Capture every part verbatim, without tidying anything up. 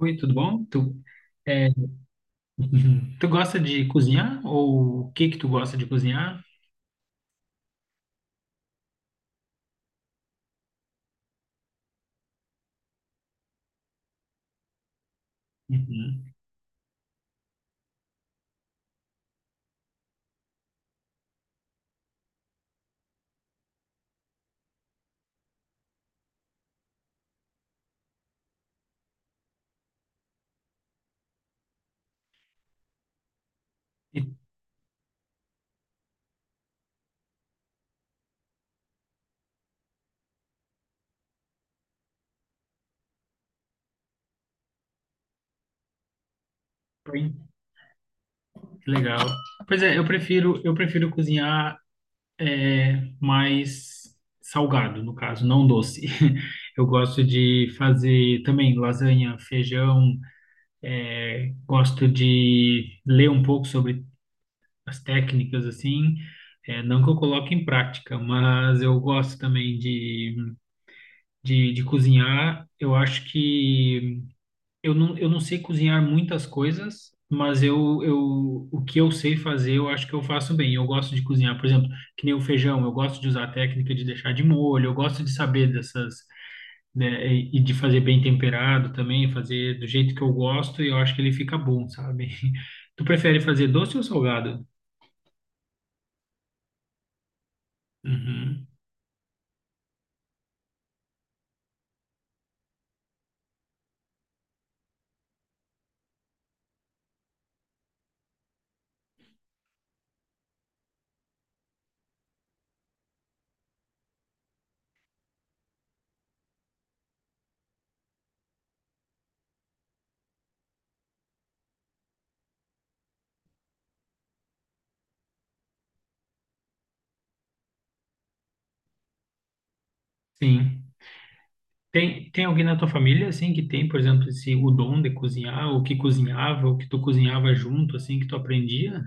Oi, tudo bom? Tu, é, tu gosta de cozinhar? Ou o que que tu gosta de cozinhar? Uhum. E, oi, que legal. Pois é, eu prefiro, eu prefiro cozinhar mais salgado, no caso, não doce. Eu gosto de fazer também lasanha, feijão, gosto de ler um pouco sobre as técnicas, assim. É, não que eu coloque em prática, mas eu gosto também de, de, de cozinhar. Eu acho que Eu não, eu não sei cozinhar muitas coisas, mas eu, eu, o que eu sei fazer, eu acho que eu faço bem. Eu gosto de cozinhar, por exemplo, que nem o feijão, eu gosto de usar a técnica de deixar de molho, eu gosto de saber dessas, né, e e de fazer bem temperado também, fazer do jeito que eu gosto e eu acho que ele fica bom, sabe? Tu prefere fazer doce ou salgado? Uhum, sim. Tem, tem alguém na tua família, assim, que tem, por exemplo, esse, o dom de cozinhar, ou que cozinhava, ou que tu cozinhava junto, assim, que tu aprendia?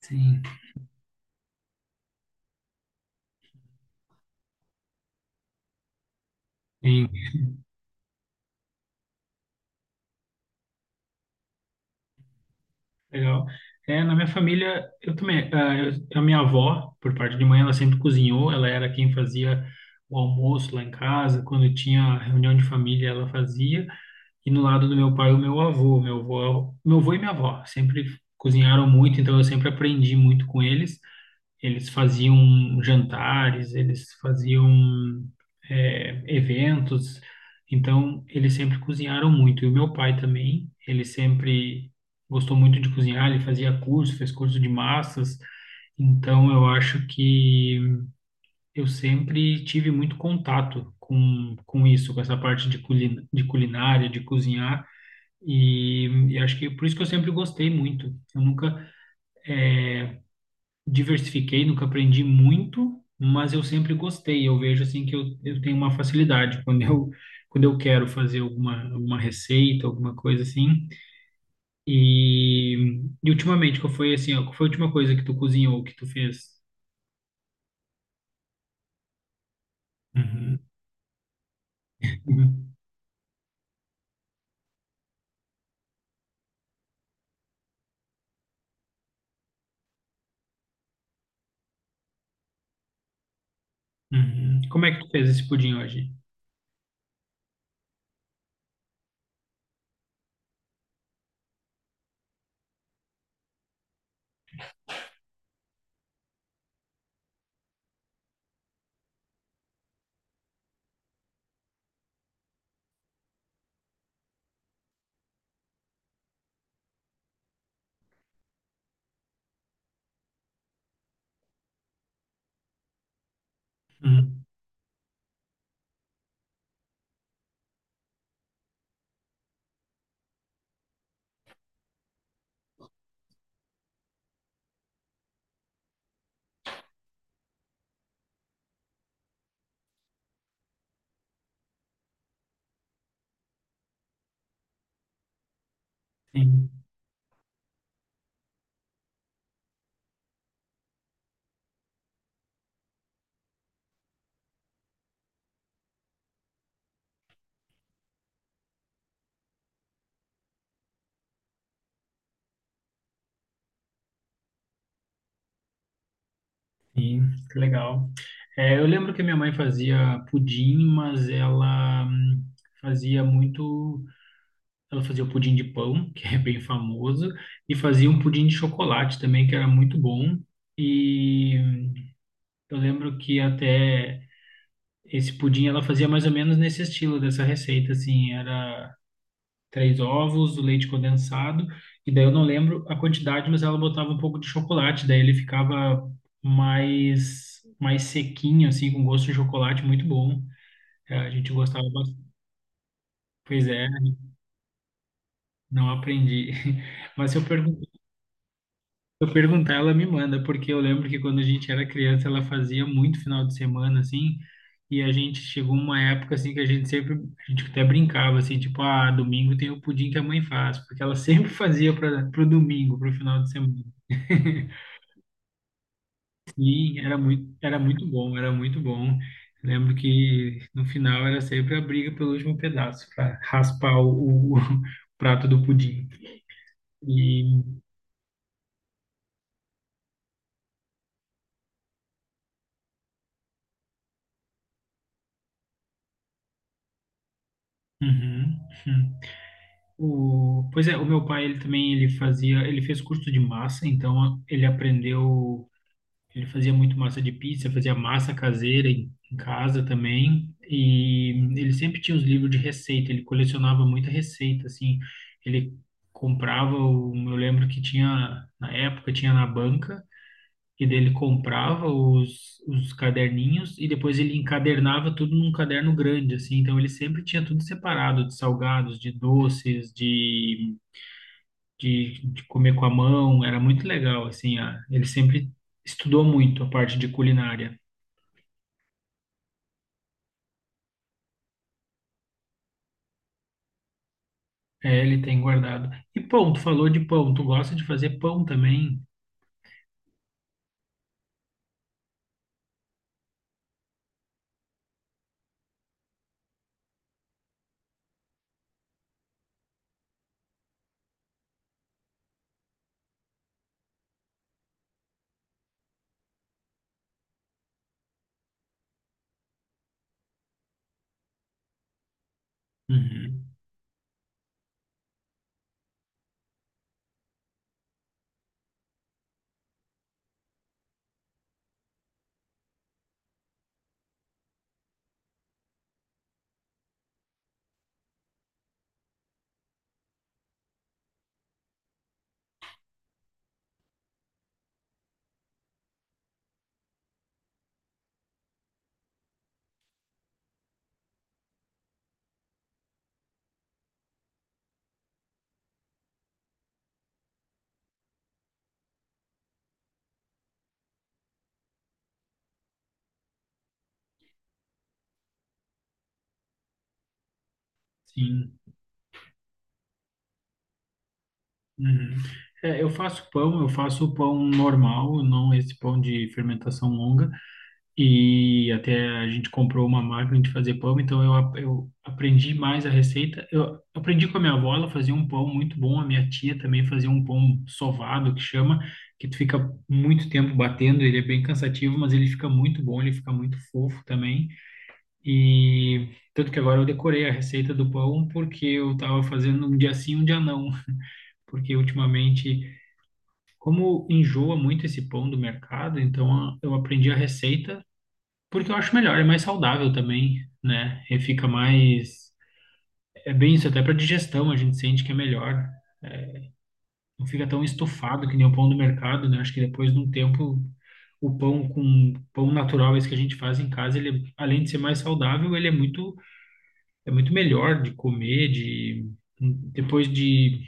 Sim. Legal. É, na minha família, eu também, ah, eu- a minha avó, por parte de mãe, ela sempre cozinhou, ela era quem fazia o almoço lá em casa, quando tinha reunião de família, ela fazia, e no lado do meu pai, o meu avô, meu avô, meu avô e minha avó, sempre cozinharam muito, então eu sempre aprendi muito com eles, eles faziam jantares, eles faziam é, eventos, então eles sempre cozinharam muito. E o meu pai também, ele sempre gostou muito de cozinhar, ele fazia curso, fez curso de massas, então eu acho que eu sempre tive muito contato com, com isso, com essa parte de, culina, de culinária, de cozinhar, e, e acho que por isso que eu sempre gostei muito. Eu nunca diversifiquei, nunca aprendi muito, mas eu sempre gostei. Eu vejo assim que eu, eu tenho uma facilidade quando eu quando eu quero fazer alguma alguma receita, alguma coisa assim. E, e ultimamente, qual foi assim, ó, qual foi a última coisa que tu cozinhou, que tu fez? Uhum, uhum, uhum. Como é que tu fez esse pudim hoje? Uhum, sim, sim, que legal. É, eu lembro que a minha mãe fazia pudim, mas ela hum, fazia muito. Ela fazia o pudim de pão, que é bem famoso, e fazia um pudim de chocolate também, que era muito bom. E eu lembro que até esse pudim ela fazia mais ou menos nesse estilo dessa receita, assim, era três ovos, o leite condensado, e daí eu não lembro a quantidade, mas ela botava um pouco de chocolate, daí ele ficava mais mais sequinho, assim, com gosto de chocolate, muito bom. É, a gente gostava bastante. Pois é, não aprendi. Mas se eu perguntar eu perguntar, ela me manda, porque eu lembro que quando a gente era criança, ela fazia muito final de semana, assim, e a gente chegou uma época, assim, que a gente sempre, a gente até brincava, assim, tipo, ah, domingo tem o pudim que a mãe faz, porque ela sempre fazia para pro domingo, pro final de semana. Sim, era muito, era muito bom, era muito bom. Lembro que no final era sempre a briga pelo último pedaço, para raspar o, o prato do pudim. E, uhum. Hum. O, pois é, o meu pai, ele também, ele fazia, ele fez curso de massa, então a- ele aprendeu, ele fazia muito massa de pizza, fazia massa caseira em, em casa também, e ele sempre tinha os livros de receita, ele colecionava muita receita, assim, ele comprava, o, eu lembro que tinha, na época, tinha na banca, e dele comprava os, os caderninhos e depois ele encadernava tudo num caderno grande, assim. Então ele sempre tinha tudo separado de salgados, de doces, de de, de comer com a mão, era muito legal, assim, a- ele sempre estudou muito a parte de culinária. É, ele tem guardado. E pão, tu falou de pão, tu gosta de fazer pão também? Uhum, sim. Uhum. É, eu faço pão, eu faço pão normal, não esse pão de fermentação longa. E até a gente comprou uma máquina de fazer pão, então eu, ap- eu aprendi mais a receita. Eu aprendi com a minha avó, ela fazia um pão muito bom, a minha tia também fazia um pão sovado, que chama, que tu fica muito tempo batendo, ele é bem cansativo, mas ele fica muito bom, ele fica muito fofo também. E tanto que agora eu decorei a receita do pão, porque eu tava fazendo um dia sim, um dia não, porque ultimamente, como enjoa muito esse pão do mercado, então a- eu aprendi a receita porque eu acho melhor, é mais saudável também, né? E fica mais. É bem isso, até para digestão a gente sente que é melhor. Não fica tão estufado que nem o pão do mercado, né? Acho que depois de um tempo, o pão com pão natural, esse que a gente faz em casa, ele, é, além de ser mais saudável, ele é muito, é muito melhor de comer, de depois de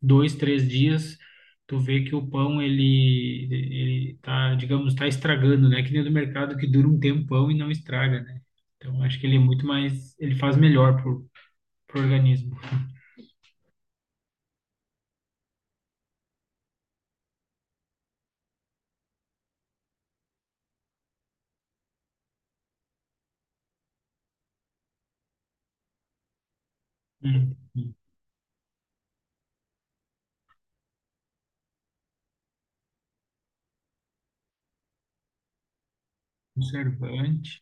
dois, três dias, tu vê que o pão ele ele tá, digamos, tá estragando, né? Que nem o do mercado que dura um tempão e não estraga, né? Então acho que ele é muito mais, ele faz melhor pro, pro organismo. Hum, hum. Conservante.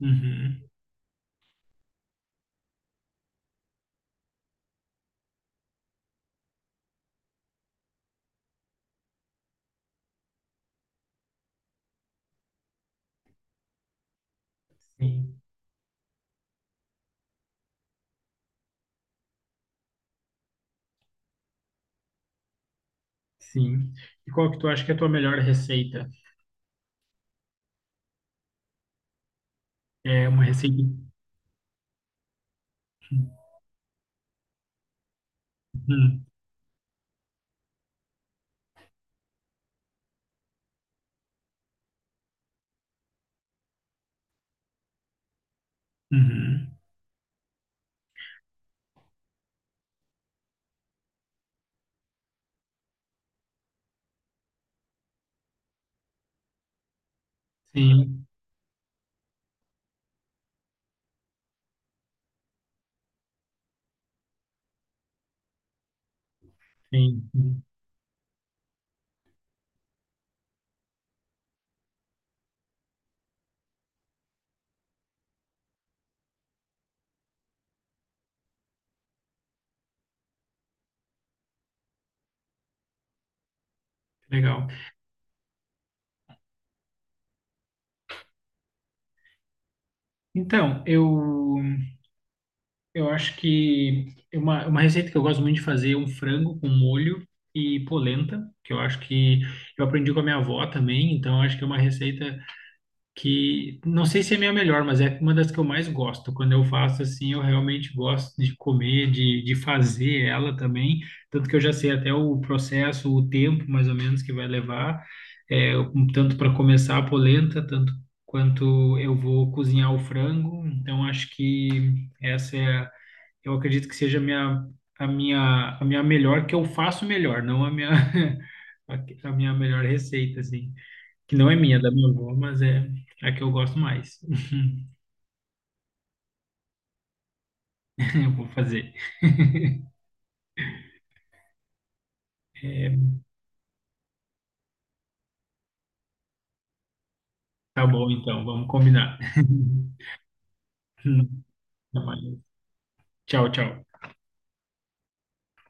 Uhum. Sim, sim. E qual que tu acha que é a tua melhor receita? É uma receita. Uhum. Uhum. Sim, sim. Uhum. Legal. Então, eu. Eu acho que é uma, é uma receita que eu gosto muito de fazer é um frango com molho e polenta, que eu acho que eu aprendi com a minha avó também, então eu acho que é uma receita que não sei se é a minha melhor, mas é uma das que eu mais gosto. Quando eu faço assim, eu realmente gosto de comer, de, de fazer ela também, tanto que eu já sei até o processo, o tempo mais ou menos que vai levar, é, um tanto para começar a polenta, tanto quanto eu vou cozinhar o frango. Então acho que essa é, eu acredito que seja a minha, a minha, a minha melhor, que eu faço melhor, não a minha, a, minha melhor receita, assim. Que não é minha, é da minha avó, mas é a que eu gosto mais. Eu vou fazer. É, tá bom, então, vamos combinar. Até mais. Tchau, tchau.